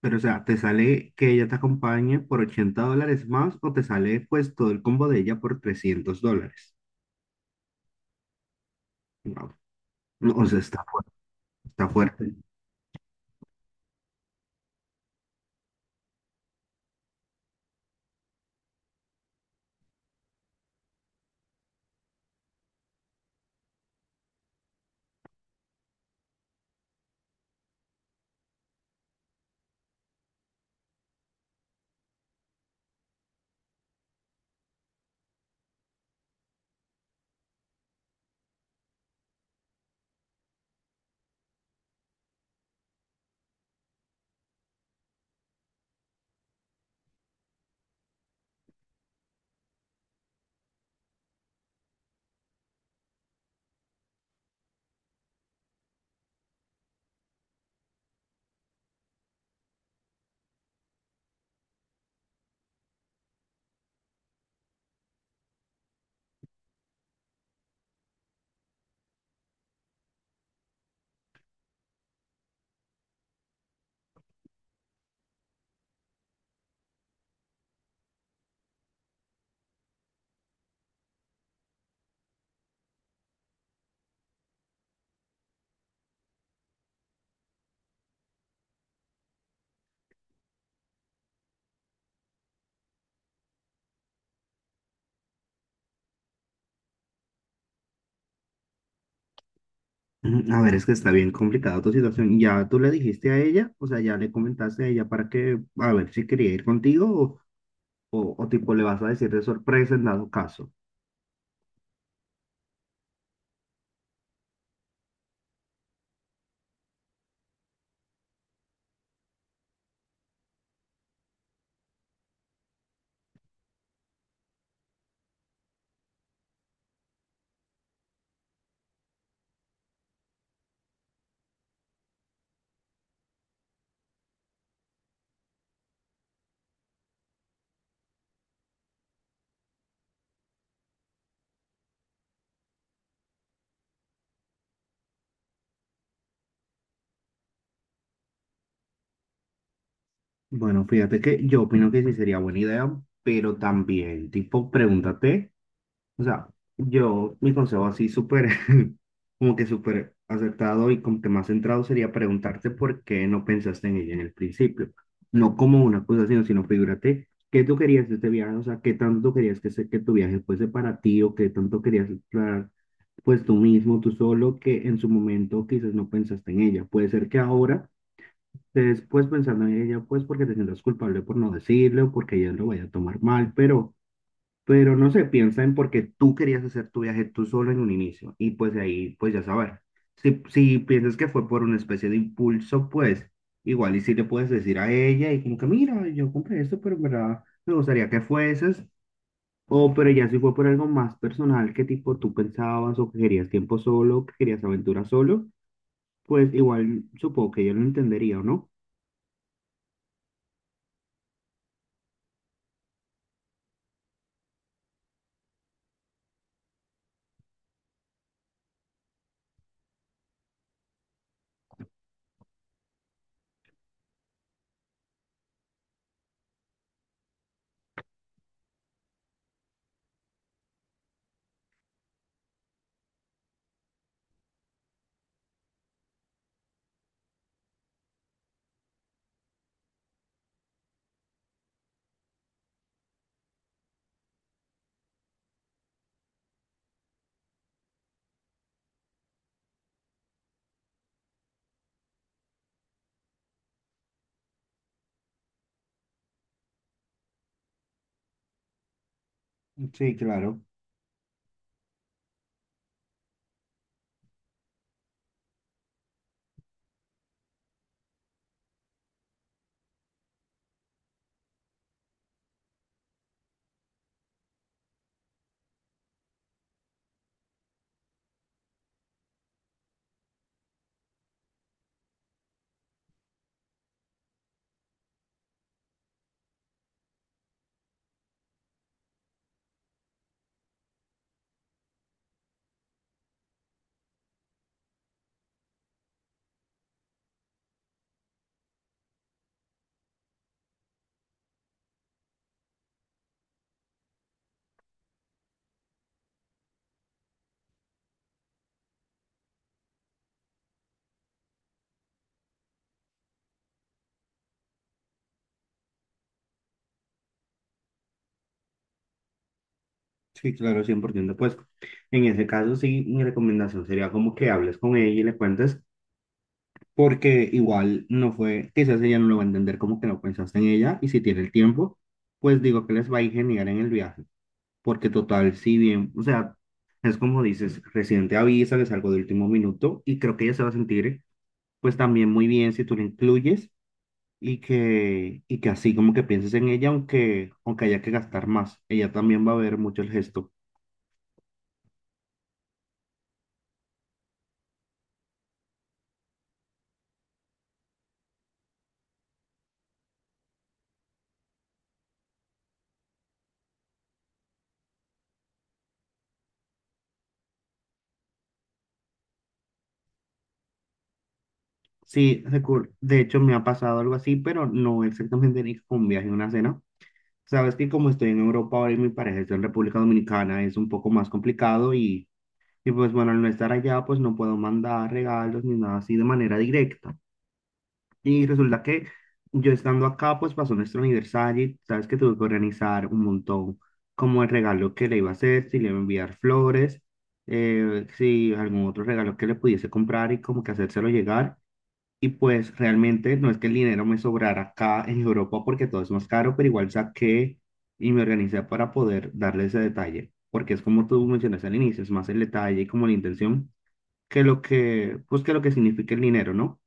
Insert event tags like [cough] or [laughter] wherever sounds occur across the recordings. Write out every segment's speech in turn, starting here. Pero, o sea, ¿te sale que ella te acompañe por $80 más o te sale pues todo el combo de ella por $300? Wow. No, o sea, está fuerte, está fuerte. A ver, es que está bien complicada tu situación. ¿Ya tú le dijiste a ella? O sea, ¿ya le comentaste a ella para que, a ver si quería ir contigo o tipo le vas a decir de sorpresa en dado caso? Bueno, fíjate que yo opino que sí sería buena idea, pero también, tipo, pregúntate. O sea, yo, mi consejo así súper, [laughs] como que súper acertado y como que más centrado sería preguntarte por qué no pensaste en ella en el principio. No como una cosa, sino figúrate, ¿qué tú querías de este viaje? O sea, ¿qué tanto querías que, que tu viaje fuese para ti o qué tanto querías explorar? Pues tú mismo, tú solo, que en su momento quizás no pensaste en ella. Puede ser que ahora estés pues pensando en ella, pues porque te sientas culpable por no decirle o porque ella lo vaya a tomar mal, pero... Pero no sé, piensa en por qué tú querías hacer tu viaje tú solo en un inicio. Y pues de ahí, pues ya saber. Si piensas que fue por una especie de impulso, pues igual y si le puedes decir a ella y como que, mira, yo compré esto, pero en verdad me gustaría que fueses. O pero ya si fue por algo más personal, que tipo tú pensabas o que querías tiempo solo, que querías aventura solo, pues igual supongo que ella lo entendería, ¿o no? Sí, claro. Sí, claro, 100%. Pues en ese caso, sí, mi recomendación sería como que hables con ella y le cuentes porque igual no fue, quizás ella no lo va a entender como que no pensaste en ella y si tiene el tiempo, pues digo que les va a ir genial en el viaje, porque total, si bien, o sea, es como dices, recién te avisa, es algo de último minuto y creo que ella se va a sentir pues también muy bien si tú la incluyes y que así como que pienses en ella, aunque haya que gastar más, ella también va a ver mucho el gesto. Sí, de hecho me ha pasado algo así, pero no exactamente ni con un viaje, una cena. Sabes que como estoy en Europa ahora y mi pareja está en República Dominicana, es un poco más complicado y pues bueno, al no estar allá, pues no puedo mandar regalos ni nada así de manera directa. Y resulta que yo estando acá, pues pasó nuestro aniversario y sabes que tuve que organizar un montón como el regalo que le iba a hacer, si le iba a enviar flores, si algún otro regalo que le pudiese comprar y como que hacérselo llegar. Y pues realmente no es que el dinero me sobrara acá en Europa porque todo es más caro, pero igual saqué y me organicé para poder darle ese detalle, porque es como tú mencionas al inicio, es más el detalle y como la intención que lo que, pues que lo que significa el dinero, ¿no?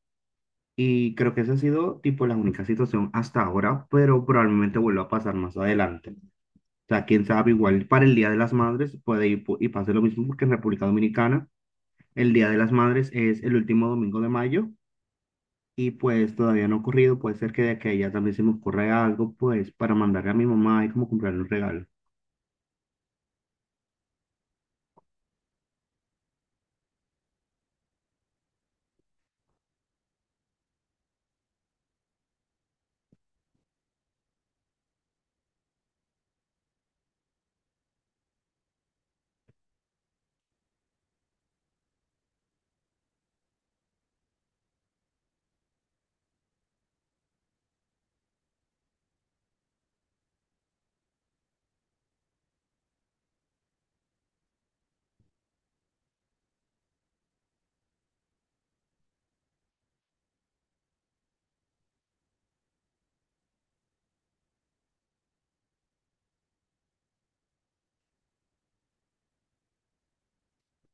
Y creo que esa ha sido tipo la única situación hasta ahora, pero probablemente vuelva a pasar más adelante. O sea, quién sabe, igual para el Día de las Madres puede ir y pase lo mismo porque en República Dominicana el Día de las Madres es el último domingo de mayo y pues todavía no ha ocurrido, puede ser que de que a ella también se me ocurra algo, pues para mandarle a mi mamá y como comprarle un regalo.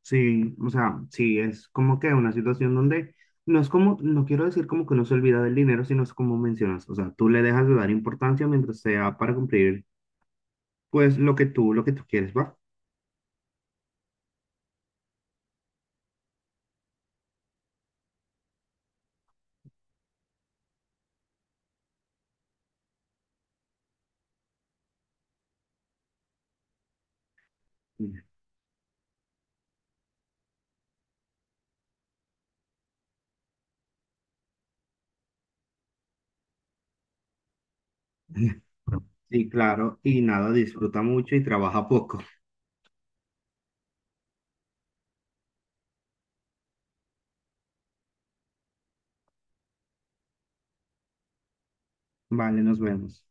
Sí, o sea, sí, es como que una situación donde no es como, no quiero decir como que no se olvida del dinero, sino es como mencionas, o sea, tú le dejas de dar importancia mientras sea para cumplir pues lo que tú quieres, ¿va? [laughs] Sí, claro, y nada, disfruta mucho y trabaja poco. Vale, nos vemos.